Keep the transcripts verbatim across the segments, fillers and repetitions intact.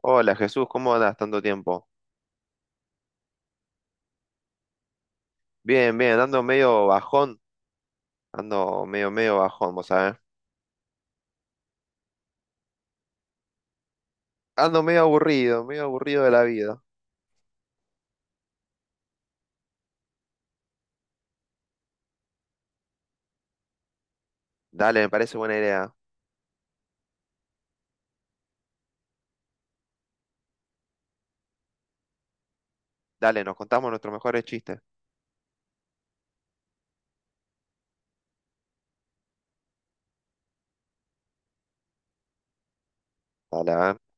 Hola Jesús, ¿cómo andas tanto tiempo? Bien, bien, ando medio bajón, ando medio, medio bajón, vos sabés. Ando medio aburrido, medio aburrido de la vida. Dale, me parece buena idea. Dale, nos contamos nuestros mejores chistes. Dale, a ver.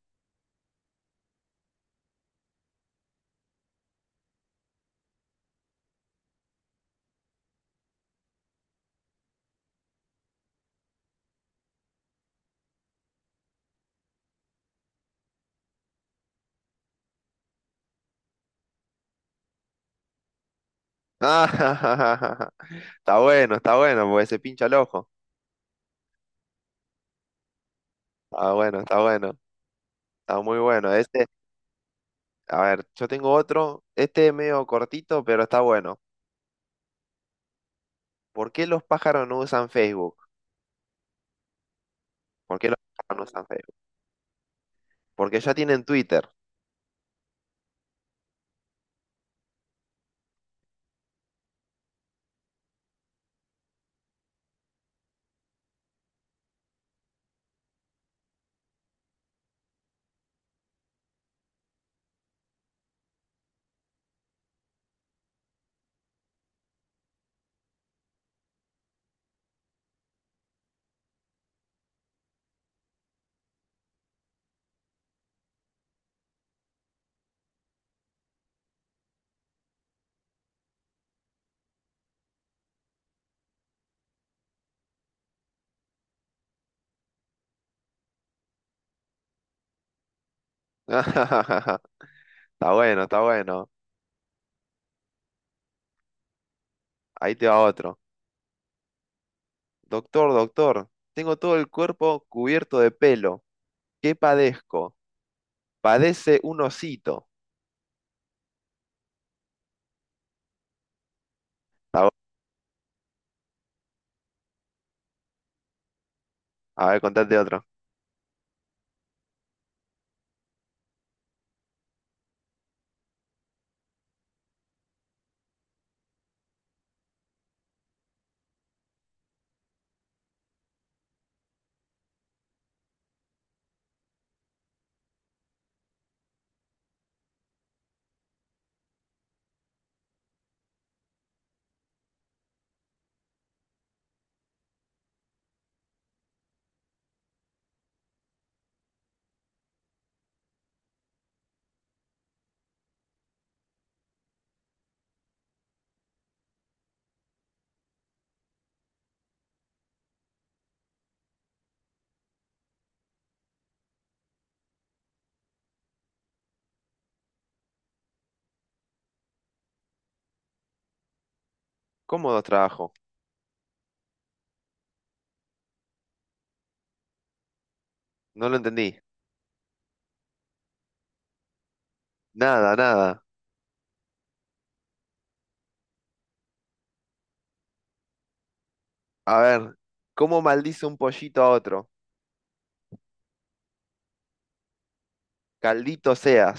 Ah, está bueno, está bueno, porque se pincha el ojo. Está bueno, está bueno, está muy bueno. Este, a ver, yo tengo otro, este es medio cortito, pero está bueno. ¿Por qué los pájaros no usan Facebook? ¿Por qué los pájaros no usan Facebook? Porque ya tienen Twitter. Está bueno, está bueno. Ahí te va otro. Doctor, doctor, tengo todo el cuerpo cubierto de pelo. ¿Qué padezco? Padece un osito. A ver, a ver, contate otro. ¿Cómo dos trabajo? No lo entendí. Nada, nada. A ver, ¿cómo maldice un pollito a otro? Caldito seas.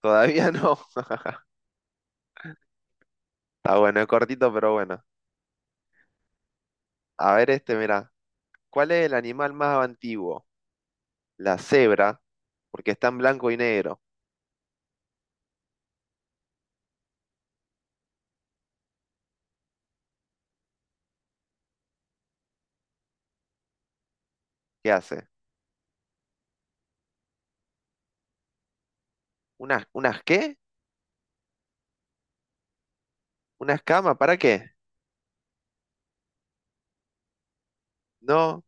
Todavía no. Está bueno, es cortito, pero bueno. A ver este, mirá. ¿Cuál es el animal más antiguo? La cebra, porque está en blanco y negro. ¿Qué hace? ¿Unas, unas qué? ¿Unas camas? ¿Para qué? No,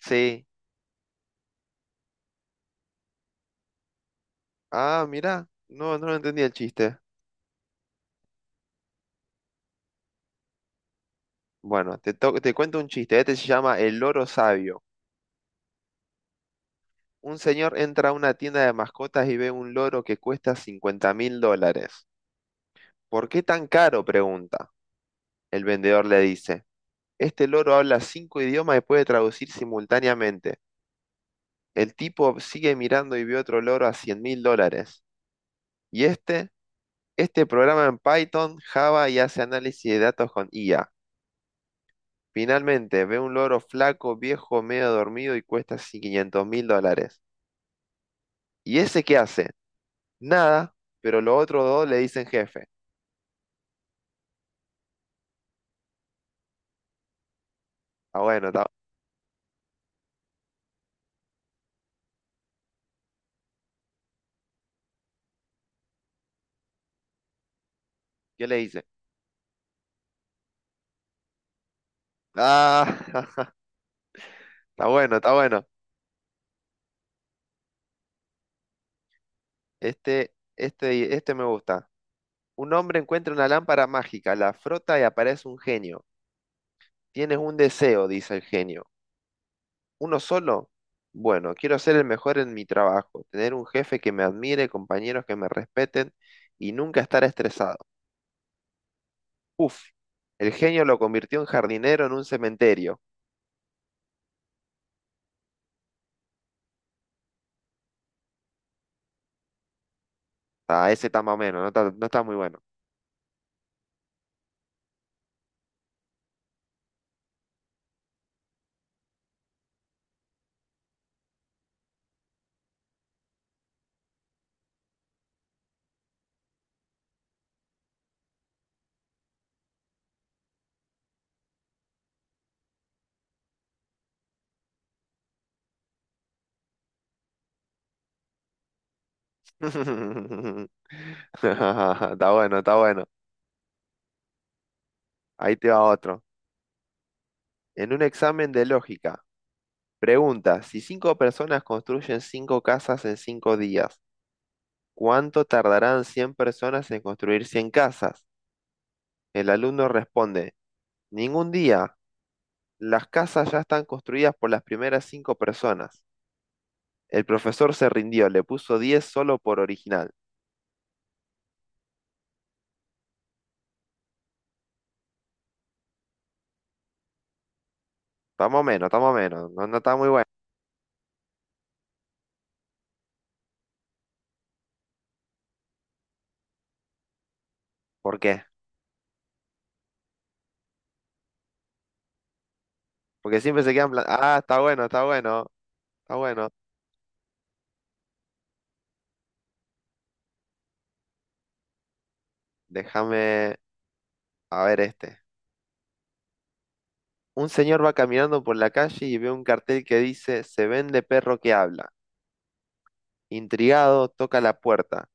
sí. Ah, mira, no, no lo entendí el chiste. Bueno, te, to- te cuento un chiste. Este se llama El loro sabio. Un señor entra a una tienda de mascotas y ve un loro que cuesta cincuenta mil dólares. ¿Por qué tan caro? Pregunta. El vendedor le dice, este loro habla cinco idiomas y puede traducir simultáneamente. El tipo sigue mirando y ve otro loro a cien mil dólares. Y este, este programa en Python, Java y hace análisis de datos con I A. Finalmente ve un loro flaco, viejo, medio dormido y cuesta quinientos mil dólares. ¿Y ese qué hace? Nada, pero los otros dos le dicen jefe. Está bueno, está bueno. ¿Qué le dice? Ah, está bueno, está bueno. Este, este, este me gusta. Un hombre encuentra una lámpara mágica, la frota y aparece un genio. Tienes un deseo, dice el genio. ¿Uno solo? Bueno, quiero ser el mejor en mi trabajo, tener un jefe que me admire, compañeros que me respeten y nunca estar estresado. Uf, el genio lo convirtió en jardinero en un cementerio. Ah, ese está más o menos, no está, no está muy bueno. Está bueno, está bueno. Ahí te va otro. En un examen de lógica, pregunta, si cinco personas construyen cinco casas en cinco días, ¿cuánto tardarán cien personas en construir cien casas? El alumno responde, ningún día. Las casas ya están construidas por las primeras cinco personas. El profesor se rindió, le puso diez solo por original. Está menos, está menos. No, no está muy bueno. ¿Por qué? Porque siempre se quedan plan... Ah, está bueno, está bueno, está bueno. Déjame... A ver este. Un señor va caminando por la calle y ve un cartel que dice Se vende perro que habla. Intrigado, toca la puerta.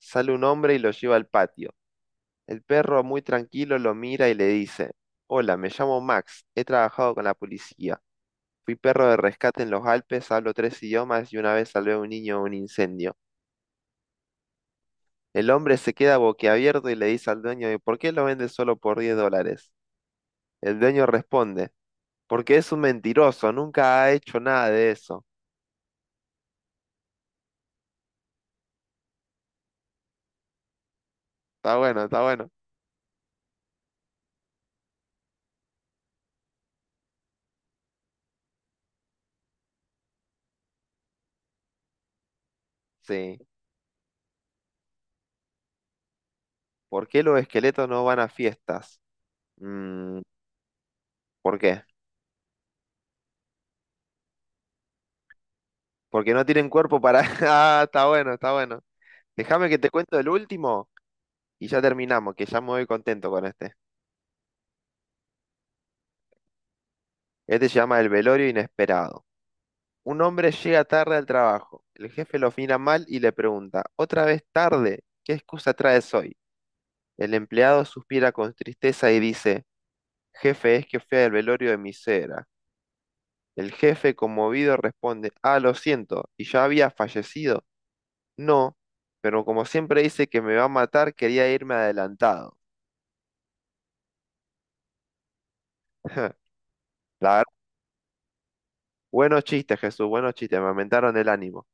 Sale un hombre y lo lleva al patio. El perro muy tranquilo lo mira y le dice Hola, me llamo Max. He trabajado con la policía. Fui perro de rescate en los Alpes, hablo tres idiomas y una vez salvé a un niño de un incendio. El hombre se queda boquiabierto y le dice al dueño, ¿y por qué lo vende solo por diez dólares? El dueño responde, porque es un mentiroso, nunca ha hecho nada de eso. Está bueno, está bueno. Sí. ¿Por qué los esqueletos no van a fiestas? Mm, ¿por qué? Porque no tienen cuerpo para... Ah, está bueno, está bueno. Déjame que te cuento el último y ya terminamos, que ya me voy contento con este. Este se llama El velorio inesperado. Un hombre llega tarde al trabajo. El jefe lo mira mal y le pregunta, ¿Otra vez tarde? ¿Qué excusa traes hoy? El empleado suspira con tristeza y dice, Jefe, es que fui al velorio de mi suegra. El jefe, conmovido, responde, Ah, lo siento, ¿y ya había fallecido? No, pero como siempre dice que me va a matar, quería irme adelantado. La verdad, buenos chistes, Jesús, buenos chistes, me aumentaron el ánimo.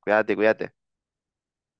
Cuídate, cuídate.